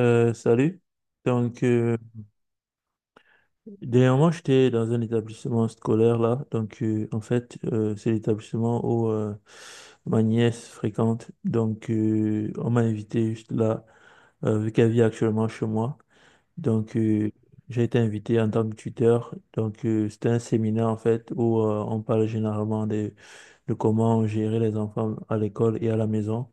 Salut. Donc, euh, Dernièrement, j'étais dans un établissement scolaire là. C'est l'établissement où ma nièce fréquente. On m'a invité juste là, vu qu'elle vit actuellement chez moi. Donc, euh, j'ai été invité en tant que tuteur. C'était un séminaire en fait où on parle généralement de comment gérer les enfants à l'école et à la maison.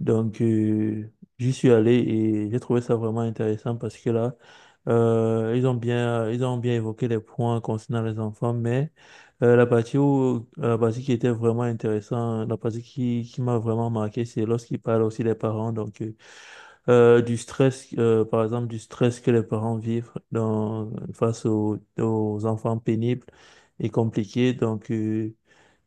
Donc, euh, J'y suis allé et j'ai trouvé ça vraiment intéressant parce que là, ils ont bien évoqué les points concernant les enfants, mais la partie qui était vraiment intéressante, la partie qui m'a vraiment marqué, c'est lorsqu'ils parlent aussi des parents. Du stress, par exemple, du stress que les parents vivent dans, face aux, aux enfants pénibles et compliqués. Donc, euh,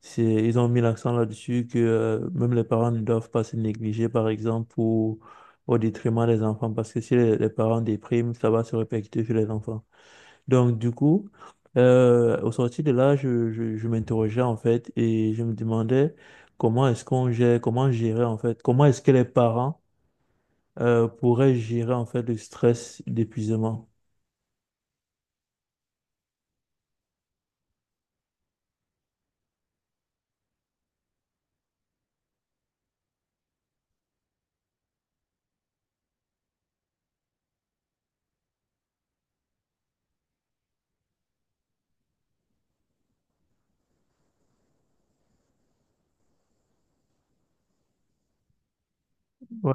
c'est, Ils ont mis l'accent là-dessus que même les parents ne doivent pas se négliger, par exemple, pour, au détriment des enfants, parce que si les parents dépriment, ça va se répercuter sur les enfants. Donc, du coup, au sortir de là, je m'interrogeais en fait et je me demandais comment gérer en fait, comment est-ce que les parents pourrait gérer en fait le stress d'épuisement. Ouais,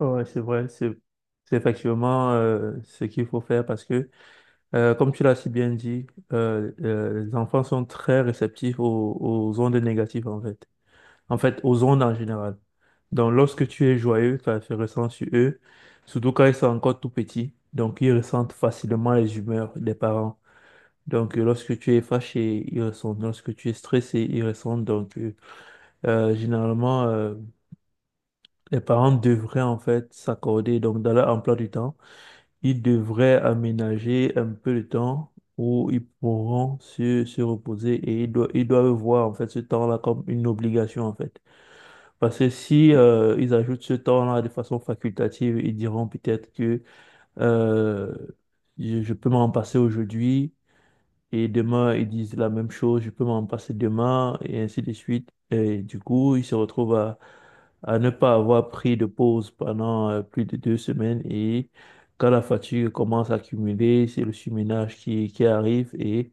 ouais, c'est vrai, c'est effectivement ce qu'il faut faire parce que, comme tu l'as si bien dit, les enfants sont très réceptifs aux, aux ondes négatives en fait aux ondes en général. Donc lorsque tu es joyeux, ça se ressent sur eux, surtout quand ils sont encore tout petits. Donc ils ressentent facilement les humeurs des parents. Lorsque tu es fâché, ils ressentent. Lorsque tu es stressé, ils ressentent. Euh, généralement, euh, Les parents devraient en fait s'accorder, donc dans leur emploi du temps, ils devraient aménager un peu de temps où ils pourront se reposer et ils doivent voir en fait ce temps-là comme une obligation en fait. Parce que si ils ajoutent ce temps-là de façon facultative, ils diront peut-être que euh, je peux m'en passer aujourd'hui et demain ils disent la même chose, je peux m'en passer demain et ainsi de suite. Et du coup, ils se retrouvent à ne pas avoir pris de pause pendant plus de deux semaines et quand la fatigue commence à cumuler, c'est le surménage qui arrive et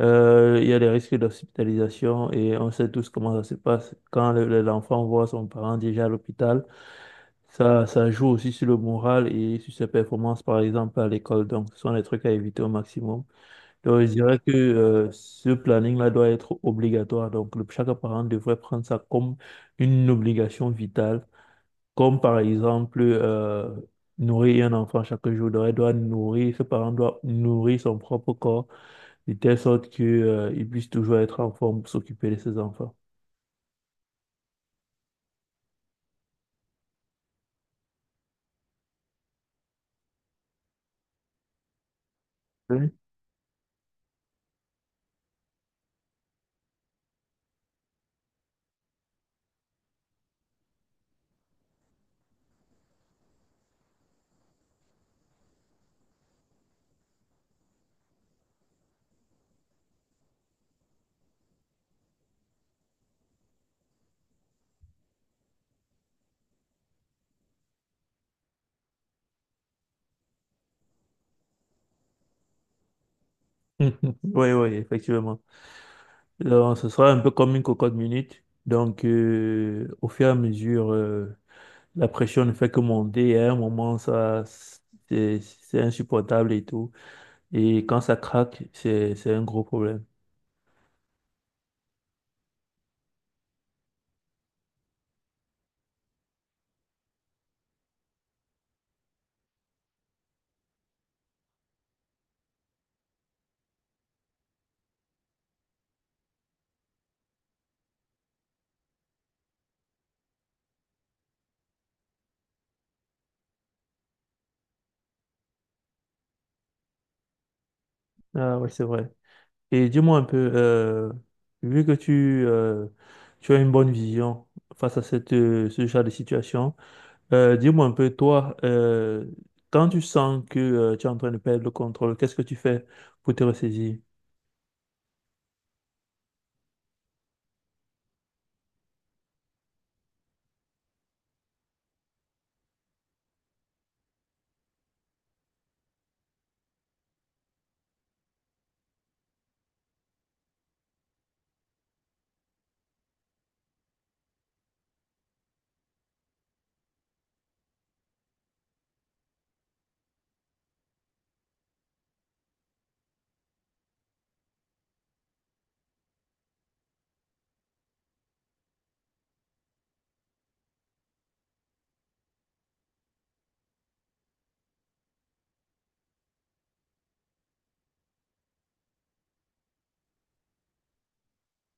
il y a des risques d'hospitalisation et on sait tous comment ça se passe. Quand l'enfant voit son parent déjà à l'hôpital, ça joue aussi sur le moral et sur ses performances, par exemple, à l'école. Donc, ce sont des trucs à éviter au maximum. Donc, je dirais que ce planning-là doit être obligatoire. Donc, chaque parent devrait prendre ça comme une obligation vitale comme par exemple nourrir un enfant chaque jour, donc doit nourrir, ce parent doit nourrir son propre corps de telle sorte que il puisse toujours être en forme pour s'occuper de ses enfants. Oui, oui, oui, effectivement. Alors, ce sera un peu comme une cocotte minute. Donc, au fur et à mesure, la pression ne fait que monter. Et à un moment, ça, c'est insupportable et tout. Et quand ça craque, c'est un gros problème. Ah oui, c'est vrai. Et dis-moi un peu, vu que tu as une bonne vision face à cette, ce genre de situation, dis-moi un peu, toi, quand tu sens que tu es en train de perdre le contrôle, qu'est-ce que tu fais pour te ressaisir?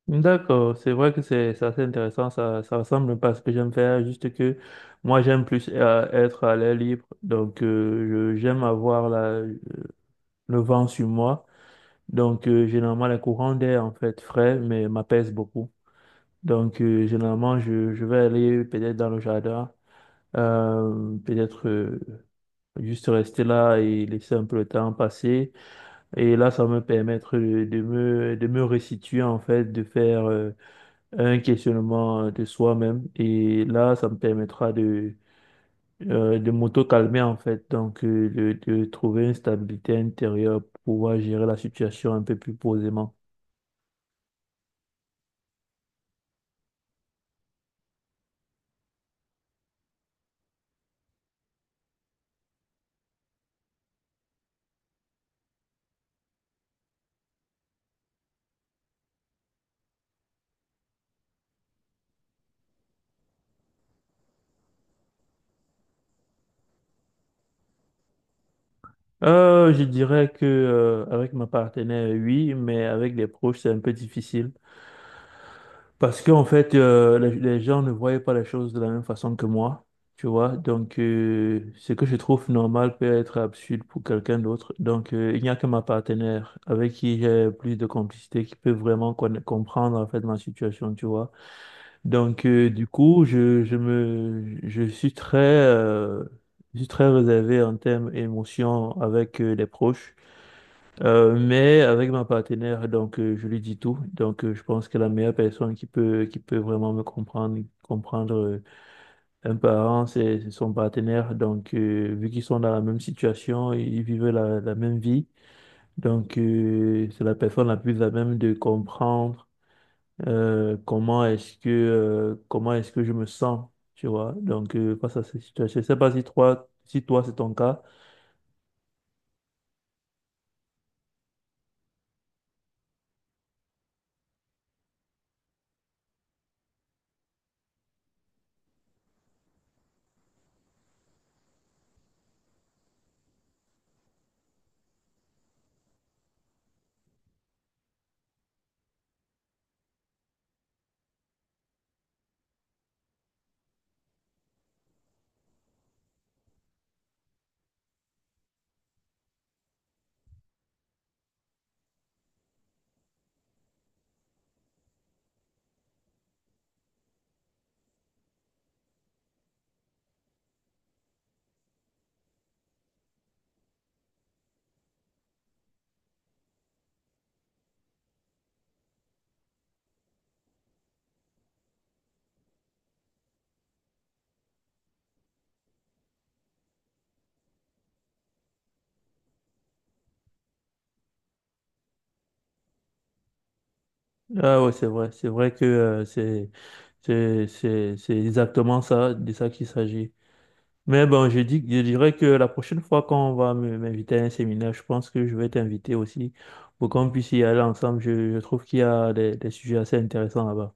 D'accord, c'est vrai que c'est assez intéressant, ça ressemble pas à ce que j'aime faire, juste que moi j'aime plus être à l'air libre, donc j'aime avoir le vent sur moi, donc généralement les courants d'air en fait frais, mais m'apaisent beaucoup. Donc, généralement, je vais aller peut-être dans le jardin, peut-être juste rester là et laisser un peu le temps passer. Et là, ça va me permettre de me restituer, en fait, de faire un questionnement de soi-même. Et là, ça me permettra de m'auto-calmer, en fait, donc de trouver une stabilité intérieure pour pouvoir gérer la situation un peu plus posément. Je dirais que avec ma partenaire, oui, mais avec les proches, c'est un peu difficile. Parce qu'en fait, les gens ne voyaient pas les choses de la même façon que moi, tu vois. Donc, ce que je trouve normal peut être absurde pour quelqu'un d'autre. Donc, il n'y a que ma partenaire avec qui j'ai plus de complicité, qui peut vraiment comprendre en fait ma situation, tu vois. Donc, du coup, je suis très réservé en termes émotions avec les proches. Mais avec ma partenaire, donc je lui dis tout. Donc je pense que la meilleure personne qui peut vraiment me comprendre un parent, c'est son partenaire. Donc vu qu'ils sont dans la même situation, ils vivent la même vie. Donc c'est la personne la plus à même de comprendre comment est-ce que je me sens, tu vois. Donc face à cette situation, je sais pas si toi si toi c'est ton cas. Ah ouais, c'est vrai. C'est vrai que c'est exactement ça, de ça qu'il s'agit. Mais bon, je dirais que la prochaine fois qu'on va m'inviter à un séminaire, je pense que je vais t'inviter aussi pour qu'on puisse y aller ensemble. Je trouve qu'il y a des sujets assez intéressants là-bas.